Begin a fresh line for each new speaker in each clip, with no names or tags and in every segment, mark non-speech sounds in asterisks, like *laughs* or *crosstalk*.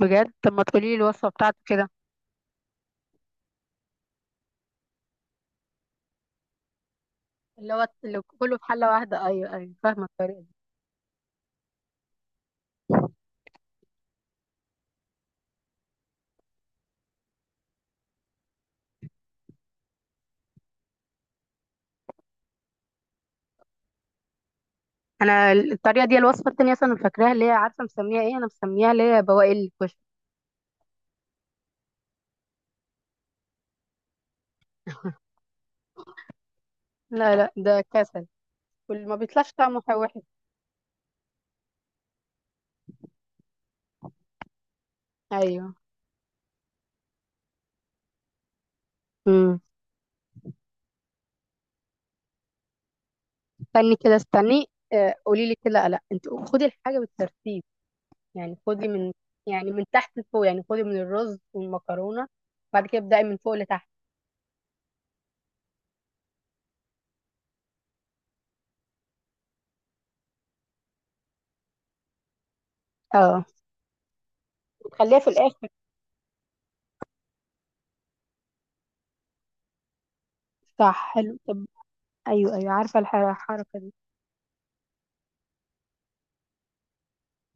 بجد. طب ما تقولي لي الوصفه بتاعته كده. اللي هو اللي كله في حله واحده، ايوه ايوه، فاهمه الطريقه دي. انا الطريقه دي الوصفه التانيه اصلا أنا فاكراها، اللي هي عارفه مسميها ايه؟ انا مسميها اللي هي بواقي الكشري. لا لا ده كسل. كل ما بيطلعش طعمه وحش. ايوه. امم استني كده، استني. قولي لي كده، لا انت خدي الحاجه بالترتيب. يعني خدي من يعني من تحت لفوق، يعني خدي من الرز والمكرونه، بعد كده ابدأي من فوق لتحت. اه. وتخليها في الاخر. صح، حلو. طب ايوه ايوه، عارفه الحركه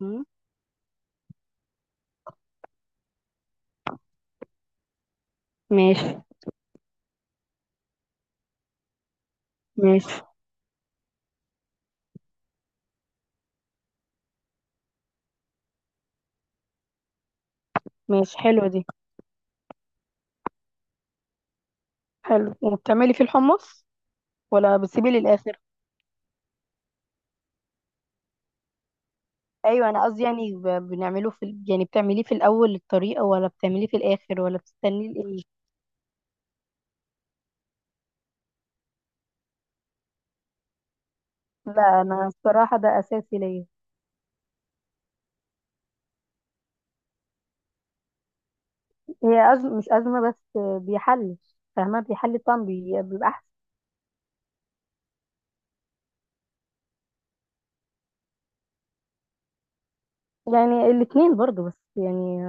دي. ماشي. ماشي. ماشي، حلوة دي. حلو، وبتعملي فيه الحمص ولا بتسيبيه للآخر؟ أيوة أنا قصدي بنعمله يعني بتعمليه في الأول الطريقة، ولا بتعمليه في الآخر، ولا بتستنيه لإيه؟ لا أنا الصراحة ده أساسي ليا. هي أزمة مش أزمة، بس بيحل. فاهمة، بيحل الطعم، بيبقى أحسن. يعني الاتنين برضو، بس يعني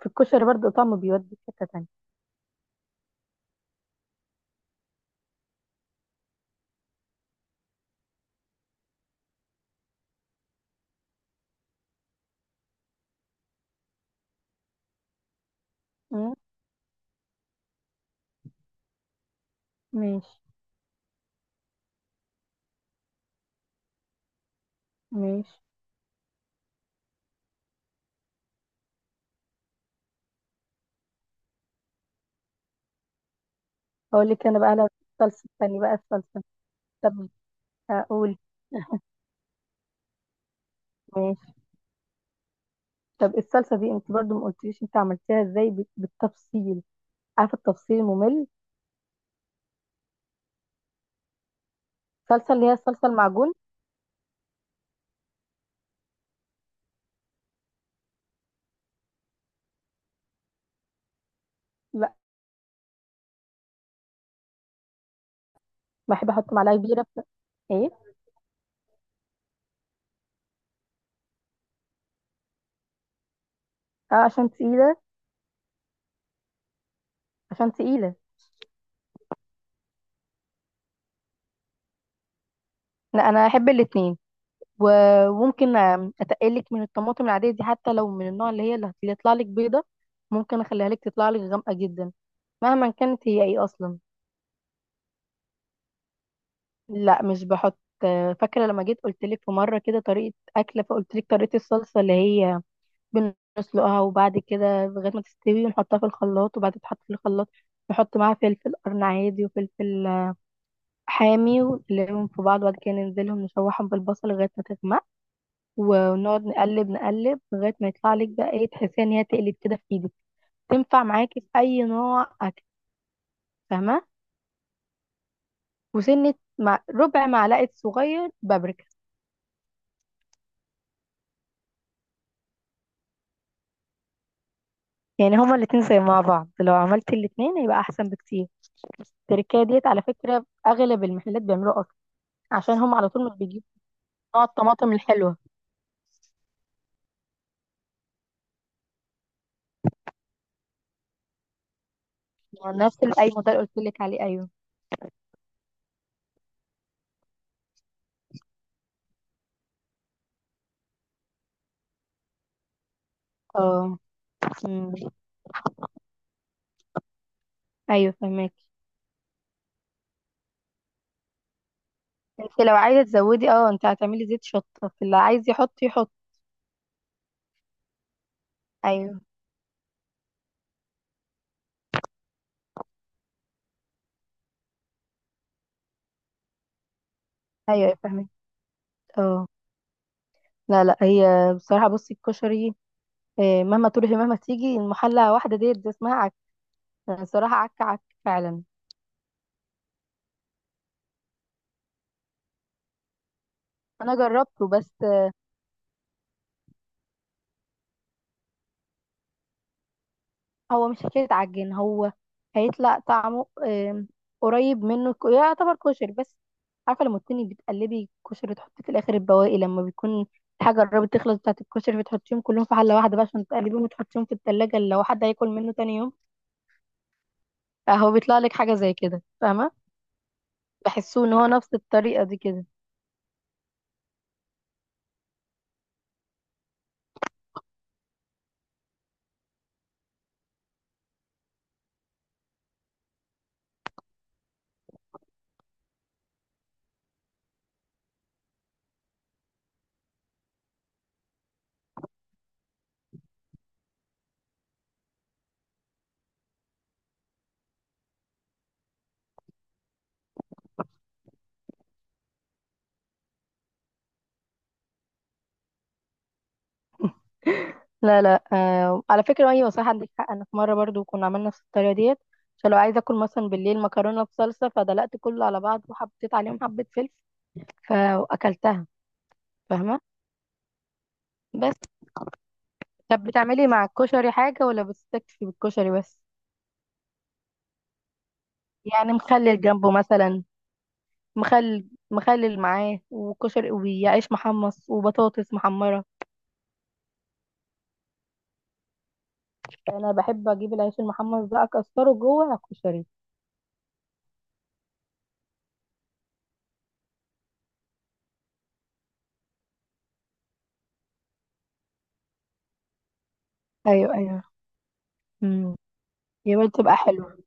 في الكشري برضو طعمه بيودي في حتة تانية. مم، ماشي. ماشي. أقول لك أنا بقى على الصلصة التانية بقى، الصلصة. طب أقول. طب الصلصه دي انت برضو ما قلتليش انت عملتيها ازاي، بالتفصيل، عارفه التفصيل الممل. الصلصه اللي هي الصلصه المعجون. لا، بحب احط معلقه كبيره ايه. اه، عشان تقيله. عشان تقيله. لا انا احب الاتنين. وممكن اتقلك من الطماطم العاديه دي، حتى لو من النوع اللي هي اللي هتطلع لك بيضه، ممكن اخليها لك تطلع لك غامقه جدا. مهما كانت هي ايه اصلا. لا مش بحط. فاكره لما جيت قلت لك في مره كده طريقه اكله، فقلت لك طريقه الصلصه اللي هي بنسلقها وبعد كده لغاية ما تستوي، ونحطها في الخلاط، وبعد ما تتحط في الخلاط نحط معاها فلفل قرن عادي وفلفل حامي، ونقلبهم في بعض، وبعد كده ننزلهم نشوحهم بالبصل لغاية ما تغمق، ونقعد نقلب نقلب لغاية ما يطلع لك بقى ايه، تحسيها ان هي تقلب كده في ايدك. تنفع معاكي في اي نوع اكل، فاهمة؟ وسنة مع ربع معلقة صغير بابريكا. يعني هما الاتنين زي مع بعض، لو عملت الاتنين هيبقى احسن بكتير. التركية ديت على فكرة اغلب المحلات بيعملوها اصلا، عشان هم على طول مش بيجيبوا نوع الطماطم الحلوة. نفس الايوه ده اللي قلت لك عليه، ايوه. اه. أمم. ايوه فهمك. انت لو عايزة تزودي، اه، انت هتعملي زيت شطة، اللي عايز يحط يحط. ايوه، ايوه فهمك. اه. لا لا، هي بصراحة بصي الكشري، مهما تروحي مهما تيجي المحلة واحدة ديت دي اسمها عك. أنا بصراحة عك عك فعلا. انا جربته بس. هو مش حكاية عجين، هو هيطلع طعمه قريب منه، يعتبر كشري بس. عارفة لما تكوني بتقلبي كشري تحطي في الآخر البواقي، لما بيكون الحاجة قربت تخلص بتاعة الكشري بتحطيهم كلهم في حلة واحدة بقى عشان تقلبيهم وتحطيهم في التلاجة لو حد هياكل منه تاني يوم. فهو بيطلع لك حاجة زي كده، فاهمة؟ بحسه ان هو نفس الطريقة دي كده. *laughs* لا لا، آه على فكرة، ايوه صح عندك حق. انا في مرة برضو كنا عملنا نفس الطريقة ديت، عشان لو عايزة اكل مثلا بالليل مكرونة بصلصة، فدلقت كله على بعض وحطيت عليهم حبة فلفل فاكلتها. فاهمه. بس. طب بتعملي مع الكشري حاجه، ولا بتستكفي بالكشري بس؟ يعني مخلل جنبه مثلا. مخلل، مخلل معاه وكشري وعيش محمص وبطاطس محمره. انا بحب اجيب العيش المحمص ده اكسره جوه على الكشري. ايوه ايوه. امم. يبقى بتبقى حلوه.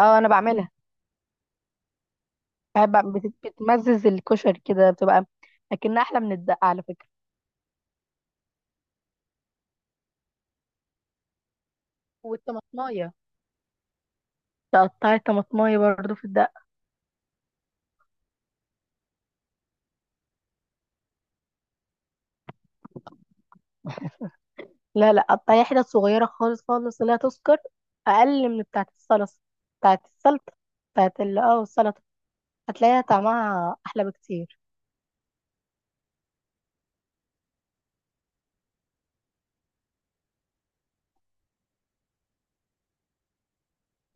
اه انا بعملها. بحب بتمزز الكشري كده، بتبقى اكنها احلى من الدقه على فكره. والطماطمايه، تقطعي الطماطمايه برضو في الدقه. لا لا، قطعيها حتت صغيرة خالص خالص لا تذكر، أقل من بتاعة الصلصة، بتاعة السلطة، بتاعة ال اه السلطة، هتلاقيها طعمها أحلى بكتير.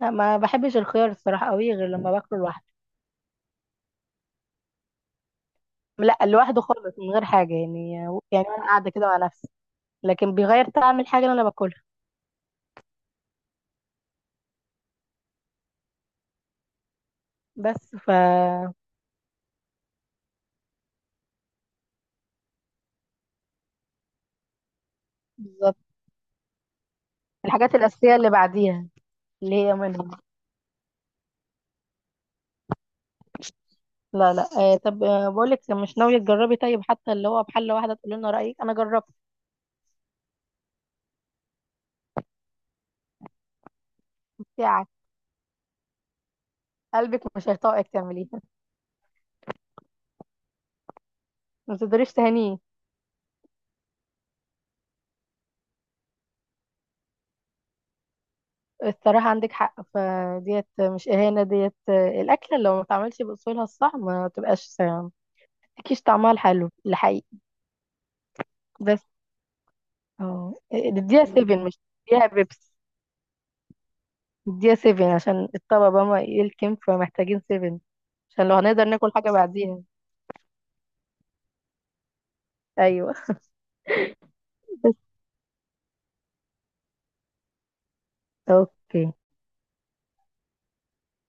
لا ما بحبش الخيار الصراحة قوي، غير لما باكله لوحده. لا لوحده خالص، من غير حاجة يعني، يعني أنا قاعدة كده مع نفسي، لكن بيغير طعم الحاجة اللي أنا باكلها. بس ف. بالظبط، الحاجات الأساسية اللي بعديها، اللي هي منها. لا لا، آه طب، آه بقولك مش ناوية تجربي طيب، حتى اللي هو بحلة واحدة تقولي لنا رأيك، أنا جربت. بتاعك. قلبك مش هيطاقك تعمليه. ما تقدريش تهانيه. الصراحة عندك حق، فديت مش إهانة، ديت الأكلة لو ما اتعملتش بأصولها الصح ما تبقاش متكيش طعمها الحلو الحقيقي. بس. اه، نديها سيفن، مش نديها بيبس، نديها سيفن عشان الطبق بقى ما يلكم، فمحتاجين سيفن عشان لو هنقدر ناكل حاجة بعديها. أيوه. أوكي.